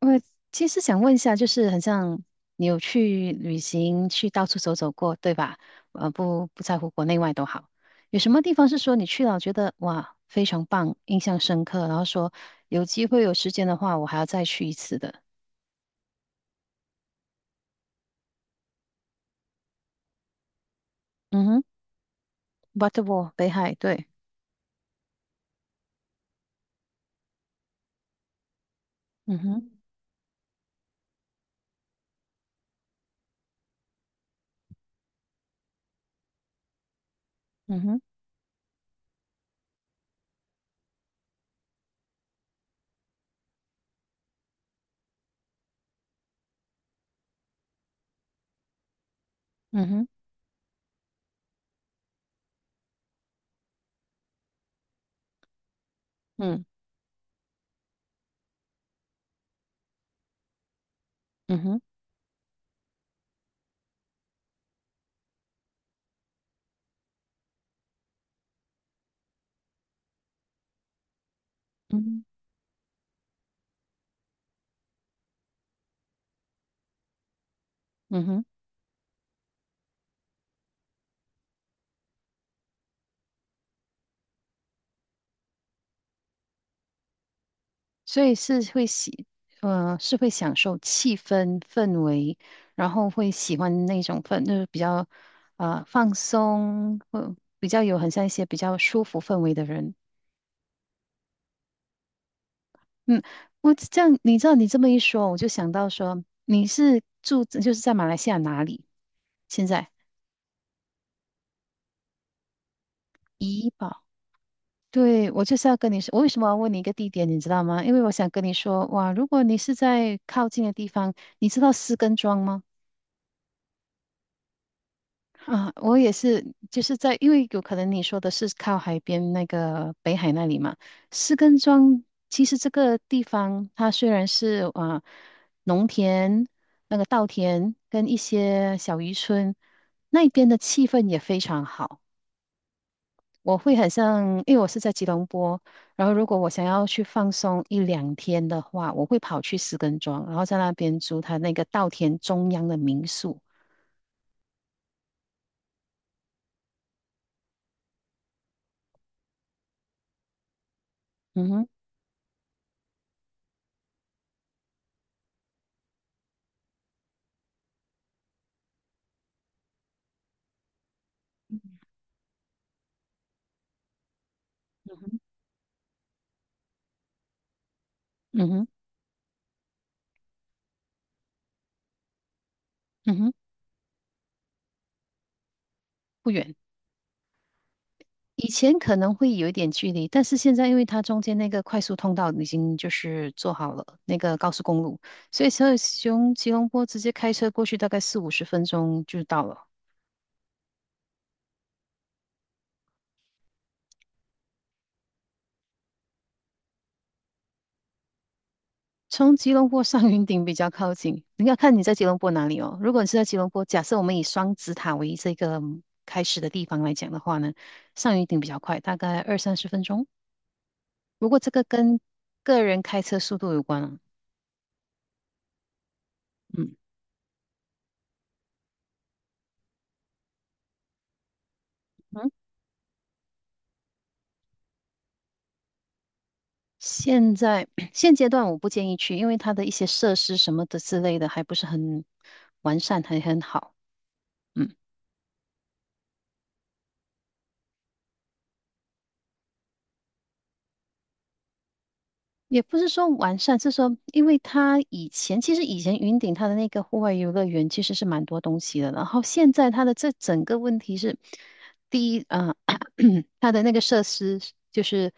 我其实想问一下，就是很像你有去旅行，去到处走走过，对吧？不在乎国内外都好，有什么地方是说你去了觉得哇非常棒，印象深刻，然后说有机会有时间的话，我还要再去一次的。嗯哼 b u t t e r w a l 北海，对，嗯哼，嗯哼，嗯哼，嗯，嗯哼，嗯哼，嗯哼。所以是会喜，呃，是会享受气氛氛围，然后会喜欢那种氛，就是比较放松，或比较有很像一些比较舒服氛围的人。嗯，我这样，你知道你这么一说，我就想到说你是住就是在马来西亚哪里？现在怡保。对，我就是要跟你说，我为什么要问你一个地点，你知道吗？因为我想跟你说，哇，如果你是在靠近的地方，你知道石根庄吗？啊，我也是，就是在，因为有可能你说的是靠海边那个北海那里嘛，士根庄其实这个地方它虽然是啊、农田、那个稻田跟一些小渔村，那边的气氛也非常好。我会很像，因为我是在吉隆坡，然后如果我想要去放松一两天的话，我会跑去士根庄，然后在那边租他那个稻田中央的民宿。嗯哼，嗯哼，嗯哼，嗯哼，不远。以前可能会有一点距离，但是现在因为它中间那个快速通道已经就是做好了那个高速公路，所以从吉隆坡直接开车过去大概四五十分钟就到了。从吉隆坡上云顶比较靠近，你要看你在吉隆坡哪里哦。如果你是在吉隆坡，假设我们以双子塔为这个开始的地方来讲的话呢，上云顶比较快，大概二三十分钟。不过这个跟个人开车速度有关啊。嗯。嗯现在 现阶段我不建议去，因为它的一些设施什么的之类的还不是很完善，还很好。嗯。也不是说完善，是说因为它以前其实以前云顶它的那个户外游乐园其实是蛮多东西的，然后现在它的这整个问题是，第一，它的那个设施就是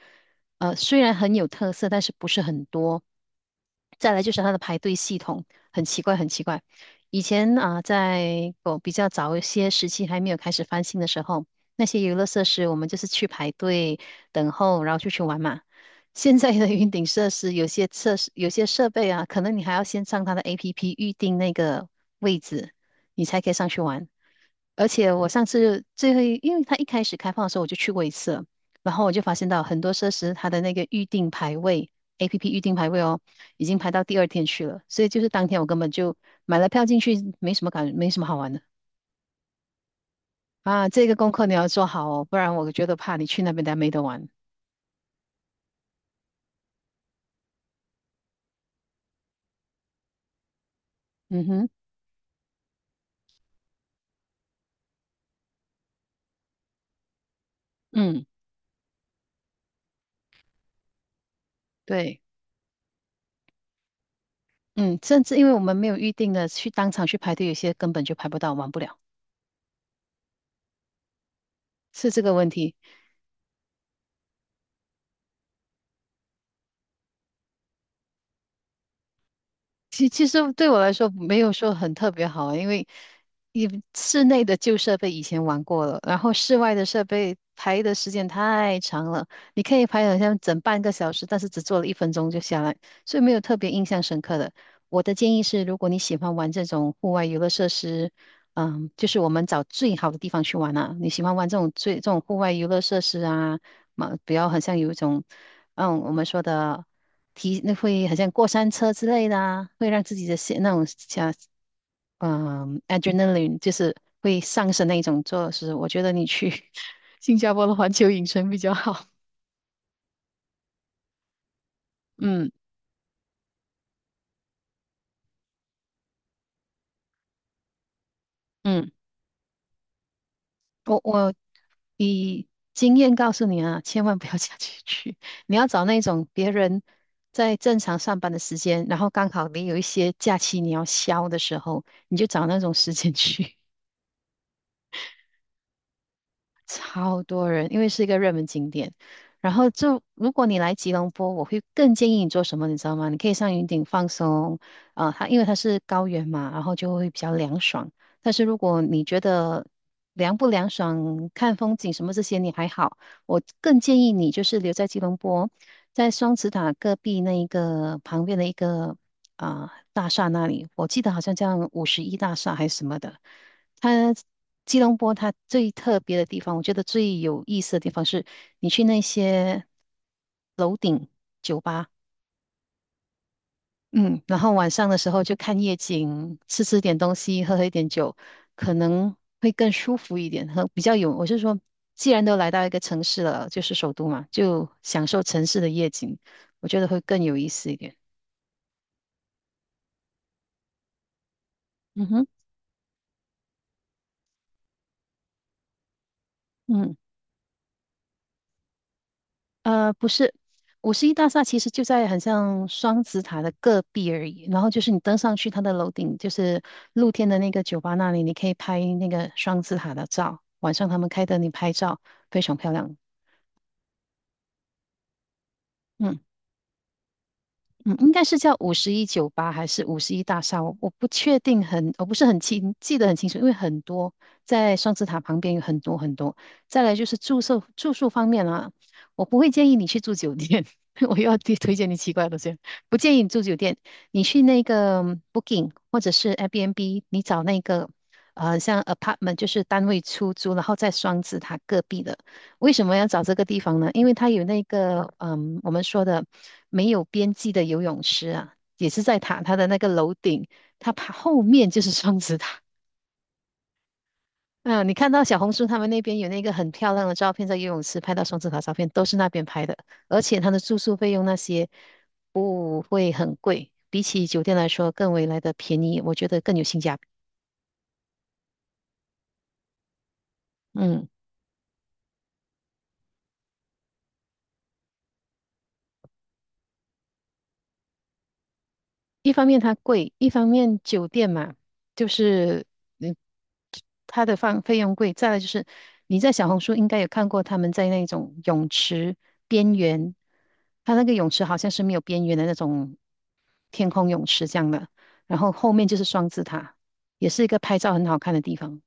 虽然很有特色，但是不是很多。再来就是它的排队系统很奇怪，很奇怪。以前啊、在我比较早一些时期还没有开始翻新的时候，那些游乐设施我们就是去排队等候，然后就去玩嘛。现在的云顶设施有些设施有些设备啊，可能你还要先上它的 APP 预定那个位置，你才可以上去玩。而且我上次最后一因为它一开始开放的时候我就去过一次了，然后我就发现到很多设施它的那个预定排位 APP 预定排位哦，已经排到第二天去了，所以就是当天我根本就买了票进去，没什么好玩的啊。这个功课你要做好哦，不然我觉得怕你去那边大家没得玩。嗯哼，嗯，对。嗯，甚至因为我们没有预定的，去当场去排队，有些根本就排不到，玩不了，是这个问题。其实对我来说没有说很特别好啊因为你室内的旧设备以前玩过了，然后室外的设备排的时间太长了，你可以排好像整半个小时，但是只做了1分钟就下来，所以没有特别印象深刻的。我的建议是，如果你喜欢玩这种户外游乐设施，嗯，就是我们找最好的地方去玩啊。你喜欢玩这种最这种户外游乐设施啊，嘛，不要好像有一种，嗯，我们说的提那会好像过山车之类的啊，会让自己的心那种想。嗯，adrenaline 就是会上升那一种做事。我觉得你去 新加坡的环球影城比较好。嗯嗯，我以经验告诉你啊，千万不要假期去，你要找那种别人在正常上班的时间，然后刚好你有一些假期你要消的时候，你就找那种时间去。超多人，因为是一个热门景点。然后就如果你来吉隆坡，我会更建议你做什么，你知道吗？你可以上云顶放松，啊、它因为它是高原嘛，然后就会比较凉爽。但是如果你觉得凉不凉爽、看风景什么这些你还好，我更建议你就是留在吉隆坡，在双子塔隔壁那一个旁边的一个啊、大厦那里，我记得好像叫五十一大厦还是什么的。它吉隆坡它最特别的地方，我觉得最有意思的地方是，你去那些吧，嗯，然后晚上的时候就看夜景，吃吃点东西，喝喝一点酒，可能会更舒服一点，和比较有，我是说，既然都来到一个城市了，就是首都嘛，就享受城市的夜景，我觉得会更有意思一点。嗯哼，嗯。不是，五十一大厦其实就在很像双子塔的隔壁而已。然后就是你登上去它的楼顶，就是露天的那个酒吧那里，你可以拍那个双子塔的照。晚上他们开灯，你拍照非常漂亮。嗯。嗯，应该是叫51酒吧还是五十一大厦，我不确定很，我不是很清记得很清楚，因为很多在双子塔旁边有很多很多。再来就是住宿方面啊，我不会建议你去住酒店，我又要推荐你奇怪的东西，不建议你住酒店，你去那个Booking 或者是 Airbnb，你找那个像 apartment 就是单位出租，然后在双子塔隔壁的。为什么要找这个地方呢？因为它有那个，嗯，我们说的没有边际的游泳池啊，也是在塔它的那个楼顶，它爬后面就是双子塔。嗯，你看到小红书他们那边有那个很漂亮的照片，在游泳池拍到双子塔照片，都是那边拍的，而且它的住宿费用那些不会很贵，比起酒店来说更为来的便宜，我觉得更有性价比。嗯。一方面它贵，一方面酒店嘛，就是嗯，它的放费用贵。再来就是你在小红书应该有看过他们在那种泳池边缘，它那个泳池好像是没有边缘的那种天空泳池这样的，然后后面就是双子塔，也是一个拍照很好看的地方。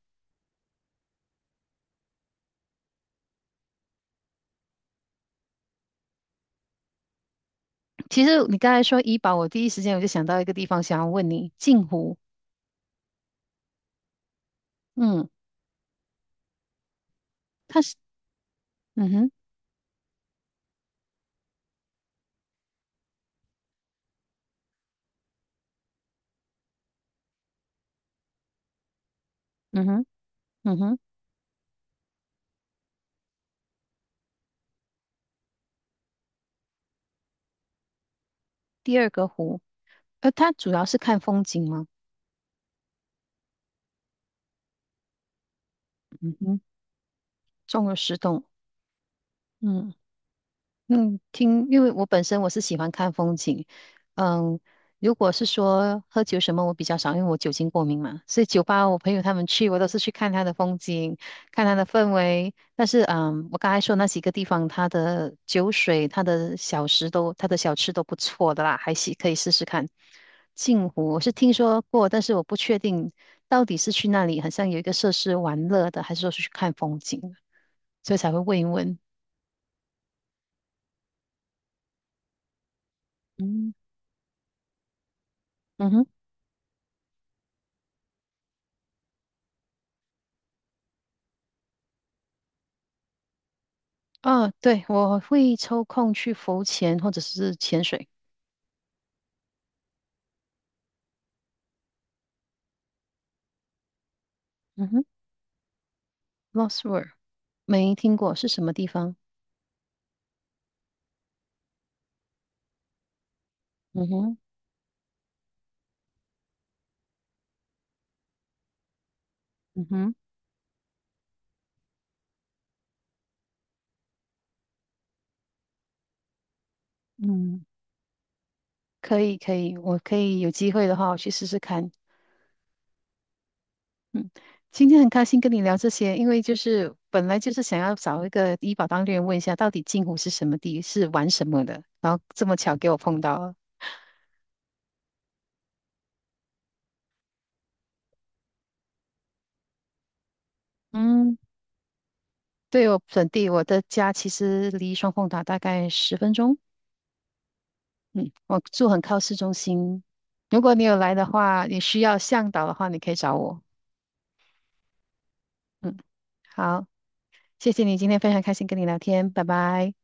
其实你刚才说怡宝，我第一时间我就想到一个地方，想要问你，镜湖，嗯，它是，嗯哼，嗯哼，嗯哼，第二个湖，它主要是看风景吗？嗯哼，中了十栋。嗯嗯，听，因为我本身我是喜欢看风景。嗯，如果是说喝酒什么，我比较少，因为我酒精过敏嘛。所以酒吧我朋友他们去，我都是去看他的风景，看他的氛围。但是嗯，我刚才说那几个地方，他的酒水、他的小食都、他的小吃都不错的啦，还是可以试试看。镜湖我是听说过，但是我不确定到底是去那里，好像有一个设施玩乐的，还是说是去看风景。所以才会问一问。嗯嗯哼，啊，对，我会抽空去浮潜或者是潜水。嗯哼，Lost World 没听过是什么地方？嗯哼，嗯哼，嗯可以，可以，我可以有机会的话，我去试试看。嗯，今天很开心跟你聊这些，因为就是本来就是想要找一个医保当地人问一下，到底镜湖是什么地，是玩什么的，然后这么巧给我碰到了。嗯对，我本地，我的家其实离双凤塔大概十分钟。嗯，我住很靠市中心。如果你有来的话，你需要向导的话，你可以找我。嗯，好，谢谢你今天非常开心跟你聊天，拜拜。